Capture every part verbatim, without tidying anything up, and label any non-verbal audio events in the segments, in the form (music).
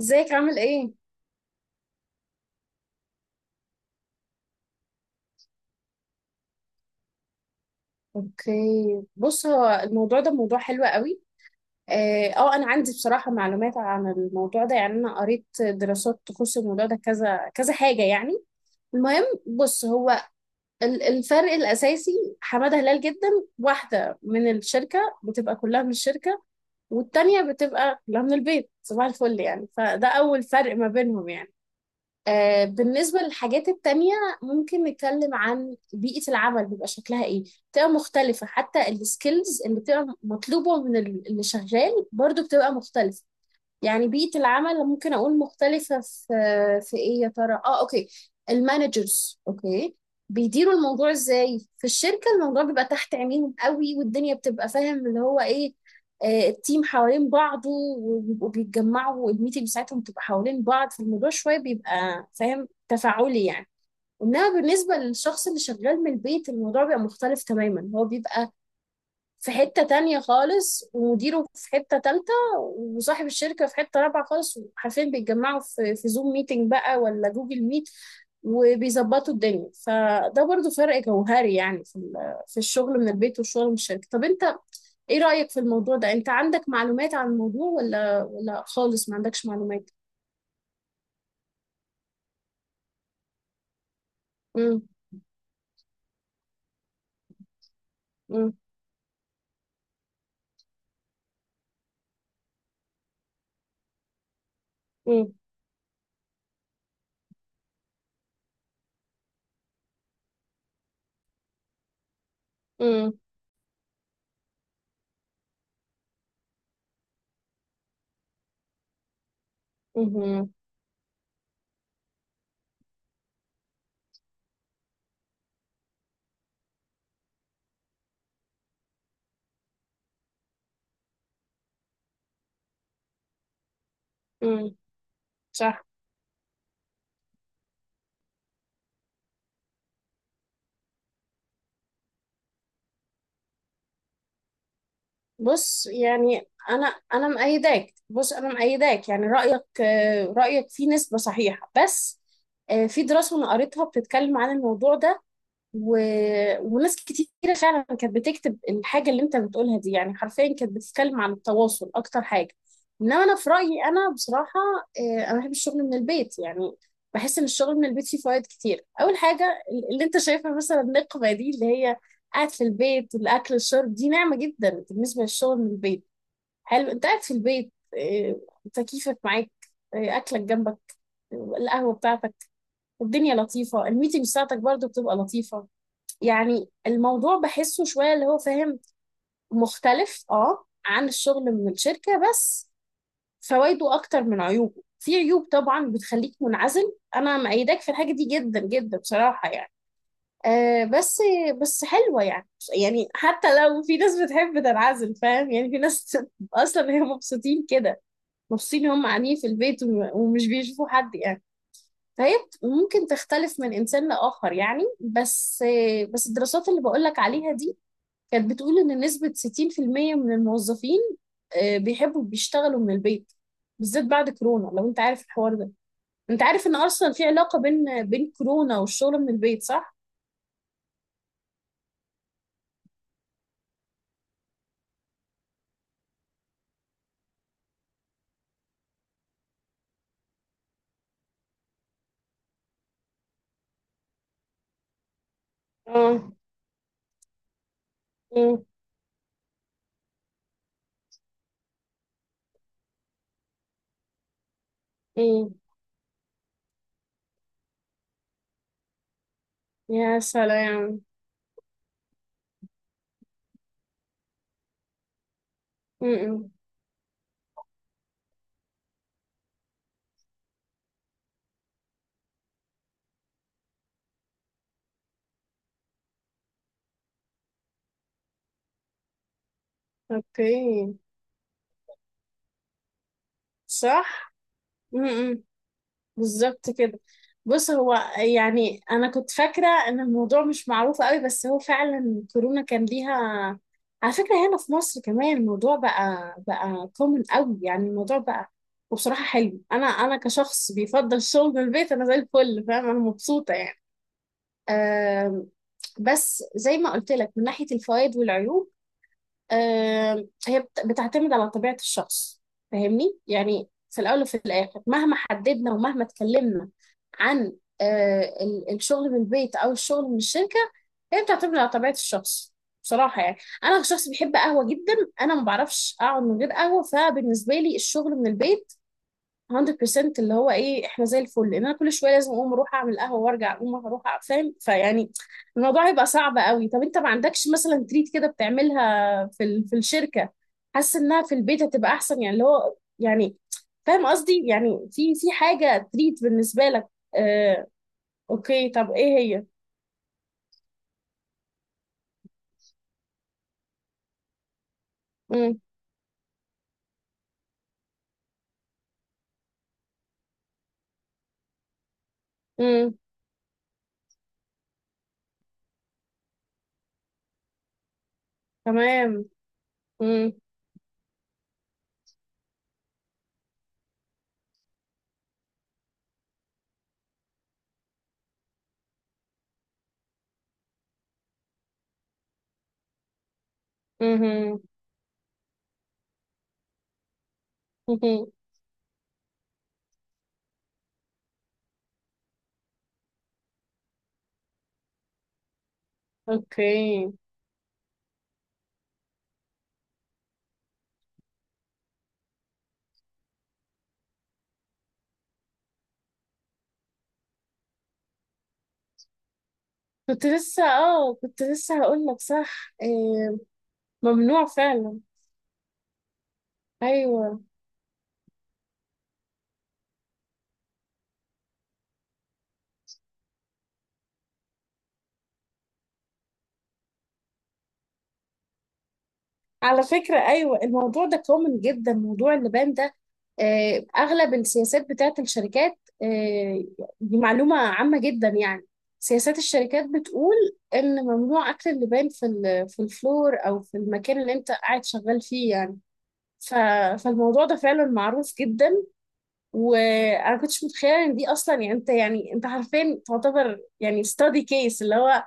ازيك عامل ايه؟ اوكي. بص، هو الموضوع ده موضوع حلو قوي. اه آه، انا عندي بصراحة معلومات عن الموضوع ده، يعني انا قريت دراسات تخص الموضوع ده كذا كذا حاجة يعني. المهم، بص هو ال- الفرق الاساسي. حمادة هلال جدا. واحدة من الشركة بتبقى كلها من الشركة، والتانية بتبقى كلها من البيت صباح الفل، يعني فده اول فرق ما بينهم يعني. آه، بالنسبة للحاجات التانية ممكن نتكلم عن بيئة العمل، بيبقى شكلها ايه؟ بتبقى مختلفة، حتى السكيلز اللي بتبقى مطلوبة من ال- اللي شغال برضو بتبقى مختلفة. يعني بيئة العمل ممكن أقول مختلفة في في إيه يا ترى؟ آه أوكي. المانجرز أوكي بيديروا الموضوع إزاي؟ في الشركة الموضوع بيبقى تحت عينيهم قوي، والدنيا بتبقى فاهم اللي هو إيه. آه، التيم حوالين بعضه، وبيبقوا بيتجمعوا، والميتنج بتاعتهم بتبقى حوالين بعض، فالموضوع شوية بيبقى فاهم تفاعلي يعني. إنما بالنسبة للشخص اللي شغال من البيت، الموضوع بيبقى مختلف تماما، هو بيبقى في حتة تانية خالص، ومديره في حتة تالتة، وصاحب الشركة في حتة رابعة خالص، وحرفيا بيتجمعوا في في زوم ميتنج بقى ولا جوجل ميت، وبيظبطوا الدنيا. فده برضو فرق جوهري يعني في ال- في الشغل من البيت والشغل من الشركة. طب انت، ايه رأيك في الموضوع ده؟ انت عندك معلومات عن الموضوع ولا ولا خالص ما عندكش معلومات؟ امم. امم. امم. امم. امم. صح. بص، يعني انا انا مأيداك. بص، انا مأيداك يعني رأيك، آه، رأيك فيه نسبة صحيحة بس. آه، في دراسة انا قريتها بتتكلم عن الموضوع ده. و... وناس كتيرة فعلا كانت بتكتب الحاجة اللي انت بتقولها دي، يعني حرفيا كانت بتتكلم عن التواصل اكتر حاجة. انما انا في رأيي، انا بصراحة آه، انا بحب الشغل من البيت يعني. بحس ان الشغل من البيت فيه فوائد كتير. اول حاجة اللي انت شايفها مثلا النقمة دي، اللي هي قاعد في البيت، الاكل، الشرب، دي نعمة جدا بالنسبة للشغل من البيت. حلو، انت قاعد في البيت، آه، تكييفك معاك، آه، اكلك جنبك، آه، القهوة بتاعتك، الدنيا لطيفة، الميتنج بتاعتك برضو بتبقى لطيفة. يعني الموضوع بحسه شوية اللي هو فاهم مختلف اه عن الشغل من الشركة. بس فوائده أكتر من عيوبه. في عيوب طبعا بتخليك منعزل، أنا مأيداك في الحاجة دي جدا جدا بصراحة يعني. آه بس بس حلوة يعني. يعني حتى لو في ناس بتحب تنعزل فاهم، يعني في ناس (laughs) أصلا هي مبسوطين كده. مبسوطين هم قاعدين في البيت وم- ومش بيشوفوا حد يعني. فهي بت- ممكن تختلف من إنسان لآخر يعني. بس، آه، بس الدراسات اللي بقولك عليها دي كانت بتقول إن نسبة ستين في المية من الموظفين آه، بيحبوا بيشتغلوا من البيت، بالذات بعد كورونا. لو أنت عارف الحوار ده، أنت عارف إن أصلا في علاقة بين بين كورونا والشغل من البيت، صح؟ اه، اه، اه. يا سلام. م- م. اوكي. صح. م- م. بالظبط كده. بص، هو يعني انا كنت فاكره ان الموضوع مش معروف قوي، بس هو فعلا كورونا كان ليها. على فكره هنا في مصر كمان الموضوع بقى بقى كومن قوي، يعني الموضوع بقى وبصراحه حلو. انا انا كشخص بيفضل الشغل من البيت، انا زي الفل فاهم، انا مبسوطه يعني. أم، بس زي ما قلت لك، من ناحيه الفوائد والعيوب، آه، هي بت- بتعتمد على طبيعة الشخص. فاهمني يعني؟ في الأول وفي الآخر، مهما حددنا ومهما اتكلمنا عن آه، ال- الشغل من البيت أو الشغل من الشركة، هي بتعتمد على طبيعة الشخص بصراحة يعني. أنا شخص بيحب قهوة جدا. أنا ما بعرفش أقعد من غير قهوة. فبالنسبة لي الشغل من البيت مية بالمية اللي هو ايه، احنا زي الفل، لان انا كل شويه لازم اقوم اروح اعمل قهوه وارجع، اقوم اروح أع- فاهم. فيعني الموضوع هيبقى صعب قوي. طب انت ما عندكش مثلا تريت كده بتعملها في ال... في الشركه، حاسس انها في البيت هتبقى احسن؟ يعني اللي هو يعني فاهم قصدي، يعني في في حاجه تريت بالنسبه لك؟ آه. اوكي، طب ايه هي؟ امم. امم. تمام. امم. امم. اوكي. كنت لسه، اه كنت لسه هقول لك، صح. آه ممنوع فعلا. ايوه. على فكره ايوه، الموضوع ده كومن جدا، موضوع اللبان ده. آه، اغلب السياسات بتاعت الشركات، آه، دي معلومه عامه جدا يعني. سياسات الشركات بتقول ان ممنوع اكل اللبان في ال- في الفلور، او في المكان اللي انت قاعد شغال فيه يعني. ف- فالموضوع ده فعلا معروف جدا، وانا كنتش متخيله ان دي اصلا. يعني انت يعني انت حرفيا تعتبر يعني ستادي كيس، اللي هو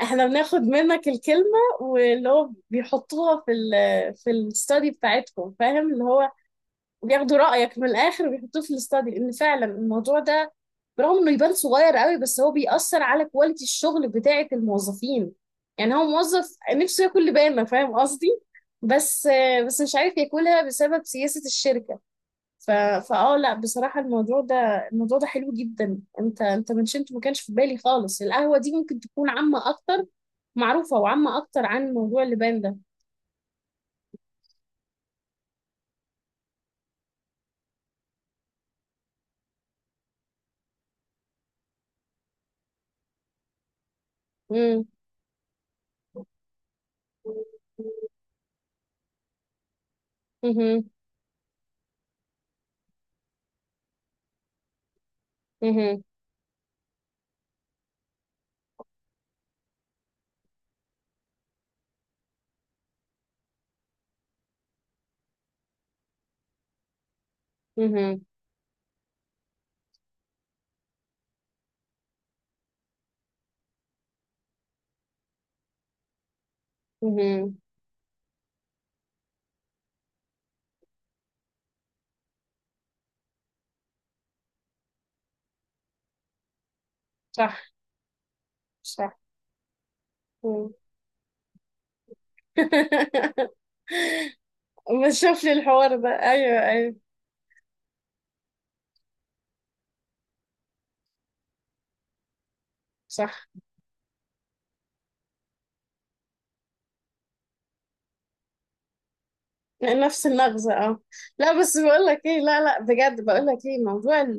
احنا بناخد منك الكلمة، واللي هو بيحطوها في ال في الستادي بتاعتكم، فاهم اللي هو بياخدوا رأيك من الآخر وبيحطوه في الستادي. لأن فعلا الموضوع ده، برغم انه يبان صغير قوي، بس هو بيأثر على كواليتي الشغل بتاعة الموظفين. يعني هو موظف نفسه ياكل لبانة، فاهم قصدي؟ بس بس مش عارف ياكلها بسبب سياسة الشركة. ف... فاه لا بصراحة الموضوع ده، الموضوع ده حلو جدا. انت انت منشنت ما كانش في بالي خالص. القهوة دي ممكن تكون عامة اكتر، معروفة وعامة اكتر عن موضوع اللبان ده. امم. امم. امم. امم. صح. صح. مم. (laughs) ما شوف لي الحوار ده، ايوه ايوه. صح. نفس النغزة اه. لا بس بقول لك ايه، لا لا بجد، بقول لك ايه موضوع ال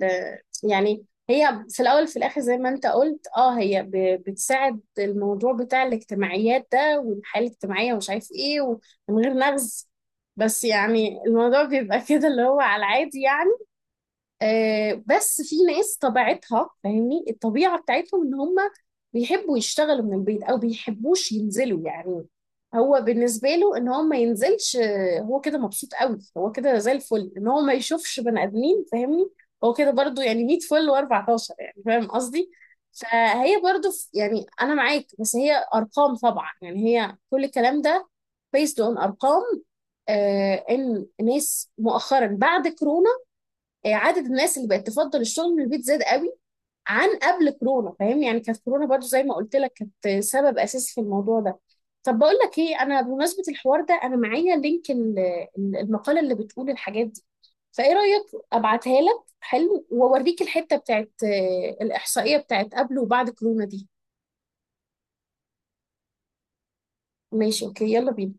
يعني هي في الاول في الاخر زي ما انت قلت، اه هي ب- بتساعد الموضوع بتاع الاجتماعيات ده والحياة الاجتماعية، ومش عارف ايه. ومن غير نغز، بس يعني الموضوع بيبقى (laughs) كده اللي هو على العادي يعني. آه بس في ناس طبيعتها فاهمني، الطبيعة بتاعتهم ان هم بيحبوا يشتغلوا من البيت او بيحبوش ينزلوا يعني. هو بالنسبة له ان هو ما ينزلش، آه، هو كده مبسوط قوي، هو كده زي الفل ان هو ما يشوفش بني ادمين فاهمني. هو كده برضو يعني مية فل و14 يعني فاهم قصدي. فهي برضو ف- يعني انا معاك، بس هي ارقام طبعا يعني، هي كل الكلام ده based on ارقام. آه ان ناس مؤخرا بعد كورونا، آه، عدد الناس اللي بقت تفضل الشغل من البيت زاد قوي عن قبل كورونا، فاهم يعني؟ كانت كورونا برضو زي ما قلت لك، كانت سبب اساسي في الموضوع ده. طب بقول لك ايه، انا بمناسبه الحوار ده انا معايا لينك ال- ال- المقاله اللي بتقول الحاجات دي. فايه رايك؟ ابعتها لك، حلو واوريك الحته بتاعت آه، الاحصائيه بتاعت قبل وبعد كورونا دي. ماشي اوكي، يلا بينا.